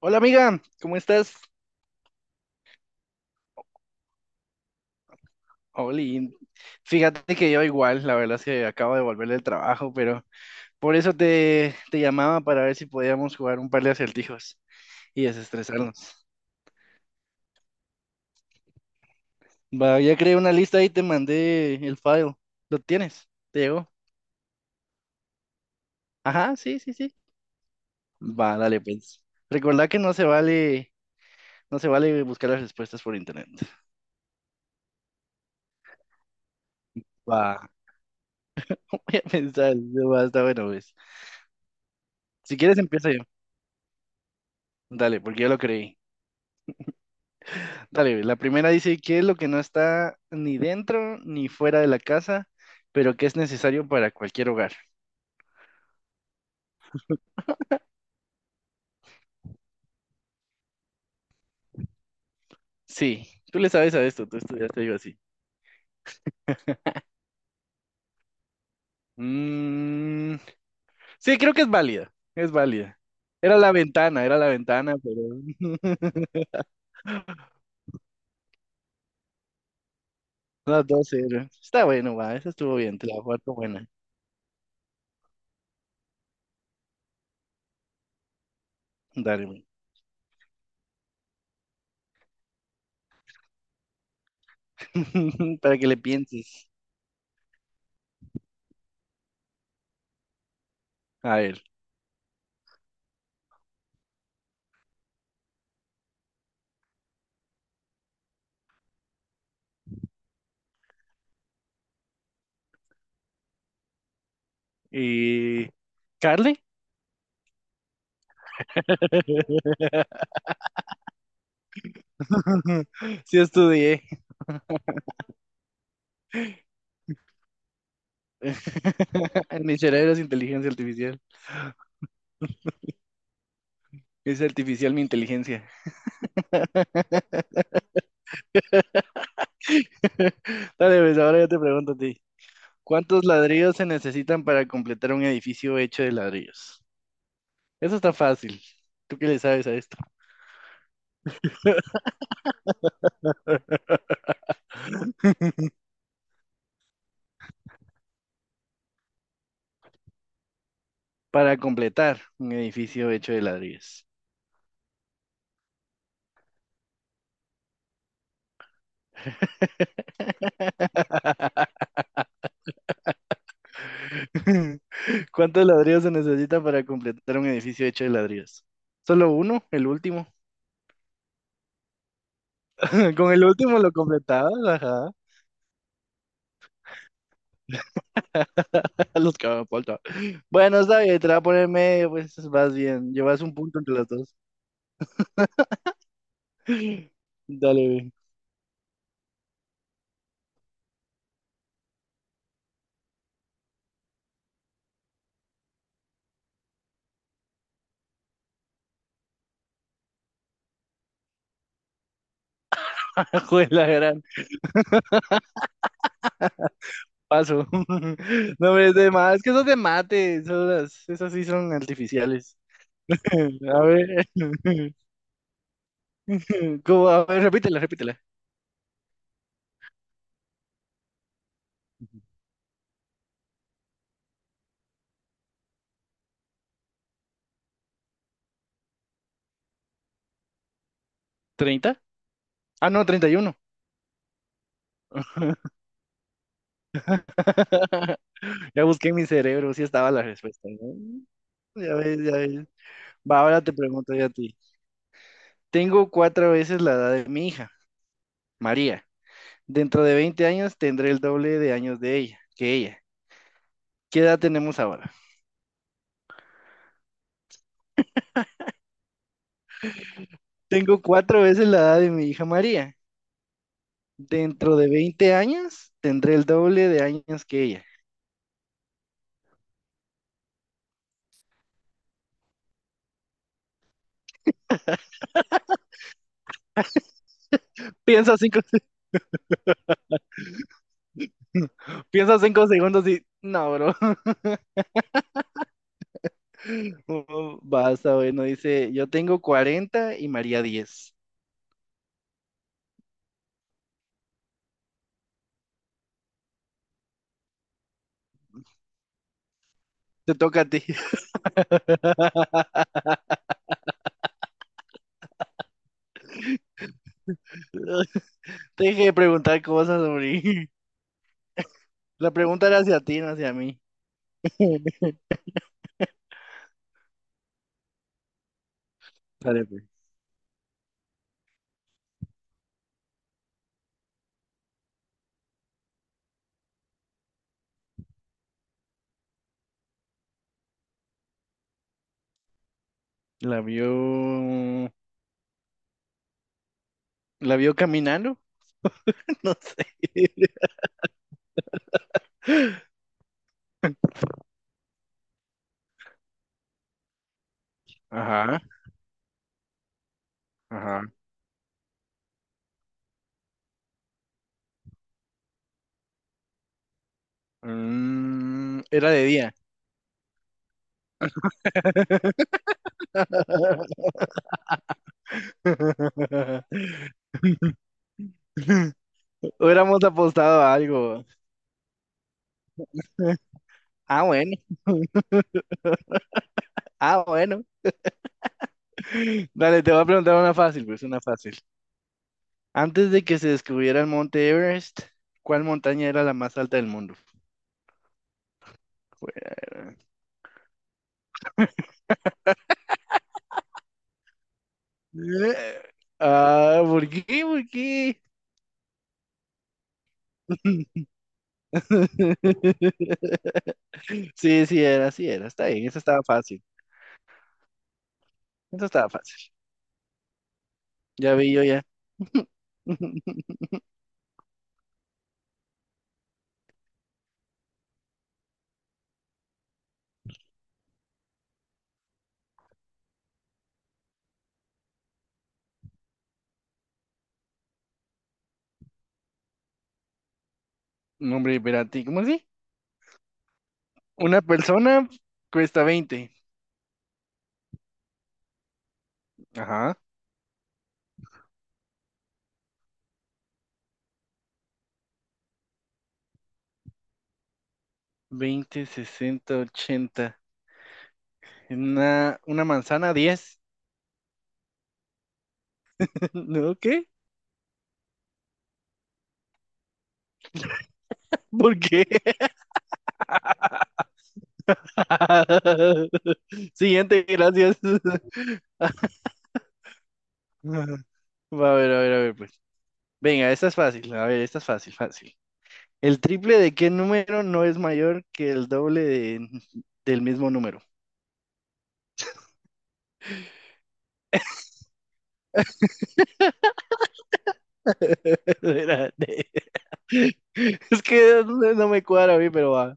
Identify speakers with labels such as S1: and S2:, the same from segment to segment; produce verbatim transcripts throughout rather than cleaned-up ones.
S1: Hola amiga, ¿cómo estás? Oli, fíjate que yo igual, la verdad es que acabo de volver del trabajo, pero por eso te, te llamaba para ver si podíamos jugar un par de acertijos y desestresarnos. Va, ya creé una lista y te mandé el file. ¿Lo tienes? ¿Te llegó? Ajá, sí, sí, sí. Va, dale pues. Recordá que no se vale, no se vale buscar las respuestas por internet. Va, voy a pensar, va, está bueno, pues. Si quieres empiezo yo. Dale, porque yo lo creí. Dale, la primera dice, ¿qué es lo que no está ni dentro ni fuera de la casa, pero que es necesario para cualquier hogar? Sí, tú le sabes a esto, tú estudiaste algo así. Mm, sí, creo que es válida, es válida. Era la ventana, era la ventana, pero no, dos cero. Está bueno, va, eso estuvo bien, te la voy a dar como buena. Dale, güey. Para que le pienses. A ver, y ¿Carly? Sí estudié. Ni cerebro es inteligencia artificial. Es artificial mi inteligencia. Dale, pues ahora yo te pregunto a ti. ¿Cuántos ladrillos se necesitan para completar un edificio hecho de ladrillos? Eso está fácil. ¿Tú qué le sabes a esto? Para completar un edificio hecho de ladrillos. ¿Cuántos ladrillos se necesitan para completar un edificio hecho de ladrillos? ¿Solo uno? ¿El último? Con el último lo completabas, ajá. Los que me faltan. Bueno, está bien, te la voy a poner medio, pues vas bien. Llevas un punto entre las dos. Dale, güey. Joder, la gran. Paso. No, hombre, es de más, es que esos de mate, esas, esas sí son artificiales. A ver. ¿Cómo? A ver, repítela, repítela. ¿Treinta? Ah, no, treinta y uno. Ya busqué en mi cerebro, sí estaba la respuesta, ¿no? Ya ves, ya ves. Va, ahora te pregunto yo a ti. Tengo cuatro veces la edad de mi hija, María. Dentro de veinte años tendré el doble de años de ella, que ella. ¿Qué edad tenemos ahora? Tengo cuatro veces la edad de mi hija María. Dentro de veinte años tendré el doble de años que ella. Piensa cinco, piensa cinco segundos y, no, bro. Oh, basta, bueno, dice, yo tengo cuarenta y María diez. Te toca a ti. Deje de preguntar cosas, hombre. La pregunta era hacia ti, no hacia mí. Espérate. La vio. La vio caminando, no sé. Ajá, ajá. Mm, era de día. Hubiéramos apostado a algo. Ah, bueno. Ah, bueno. Dale, te voy a preguntar una fácil, pues una fácil. Antes de que se descubriera el Monte Everest, ¿cuál montaña era la más alta del mundo? Fuera. Eh, Ah, ¿por qué? ¿Por qué? Sí, sí era, sí era. Está bien, eso estaba fácil. Eso estaba fácil. Ya vi yo ya. No, hombre, espérate, ¿cómo así? Una persona cuesta veinte. Ajá. Veinte, sesenta, ochenta. Una, una manzana, diez. ¿No? ¿Qué? ¿Por qué? Siguiente, gracias. Va, a ver, a ver, a ver, pues. Venga, esta es fácil. A ver, esta es fácil, fácil. ¿El triple de qué número no es mayor que el doble de- del mismo número? Era de- Es que no no me cuadra a mí, pero va.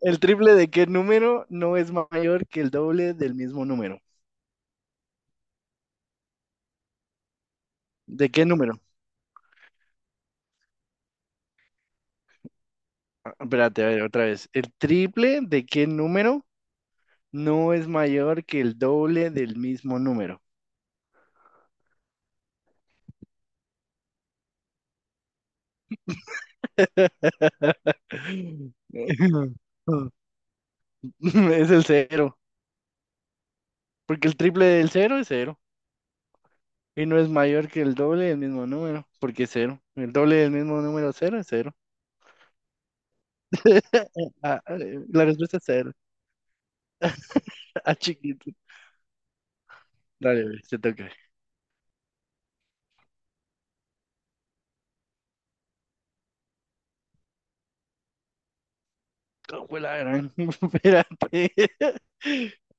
S1: ¿El triple de qué número no es mayor que el doble del mismo número? ¿De qué número? Ah, espérate, a ver, otra vez. ¿El triple de qué número no es mayor que el doble del mismo número? Es el cero, porque el triple del cero es cero. Y no es mayor que el doble del mismo número, porque es cero. El doble del mismo número cero es cero. Ah, ah, eh, la respuesta es cero. Ah, chiquito. Dale, güey, se toca. ¿Cómo fue la gran? Espérate.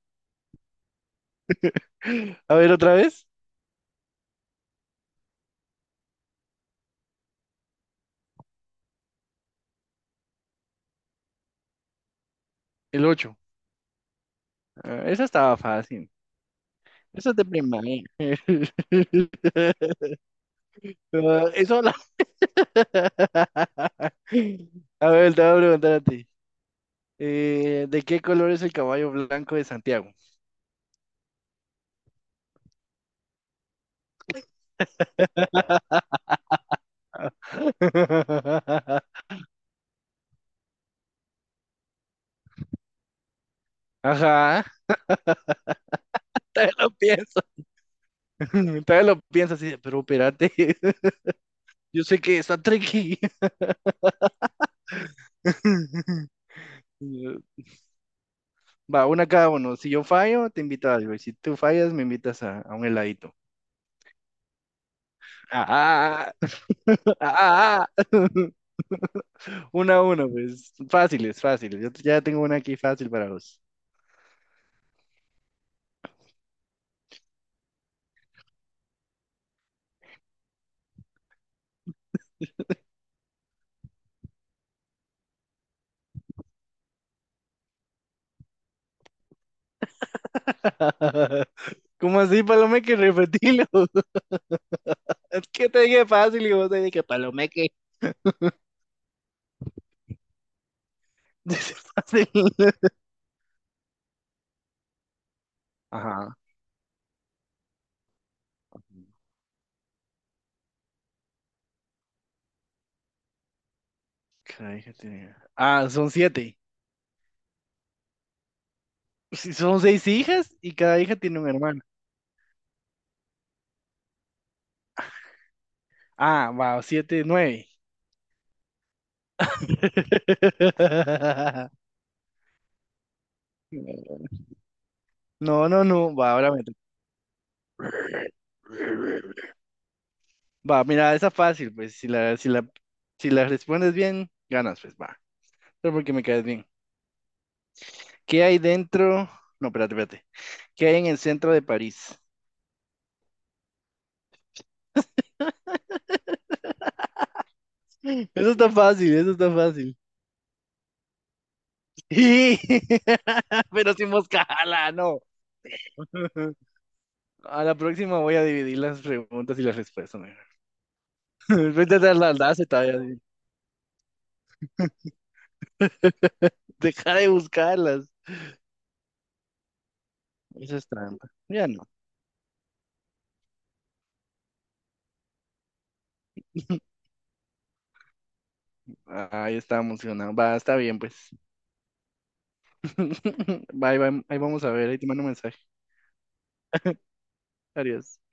S1: A ver, otra vez. El ocho. Esa estaba fácil. Eso es de primaria. Ah, eso la. A ver, te voy a preguntar a ti. Eh, ¿de qué color es el caballo blanco de Santiago? Ajá. Todavía lo pienso. Todavía lo pienso así, de, pero espérate. Yo sé que está tricky. Va, una cada uno. Si yo fallo, te invito a algo. Y si tú fallas, me invitas a, a un heladito. Ah, ah, ah, ah. Una a uno, pues. Fáciles, fáciles. Yo ya tengo una aquí fácil para vos. ¿Cómo así, Palomeque? Repetilo. Es que te dije fácil y vos te dije que Palomeque. Dice fácil. Ajá. Cada hija tiene. Ah, son siete. Sí, son seis hijas y cada hija tiene un hermano. Ah, va, siete, nueve. No, no, no, va, ahora me toca. Va, mira, esa fácil, pues si la, si la, si la respondes bien, ganas, pues va. Pero porque me caes bien. ¿Qué hay dentro? No, espérate, espérate. ¿Qué hay en el centro de París? Eso está fácil, eso está fácil. Sí, pero sin moscala, no. A la próxima voy a dividir las preguntas y las respuestas, mira. Vete a dar las las y todavía así. Deja de buscarlas. Eso es trampa. Ya no. Ahí está emocionado. Va, está bien, pues. Bye, bye. Ahí vamos a ver. Ahí te mando un mensaje. Adiós.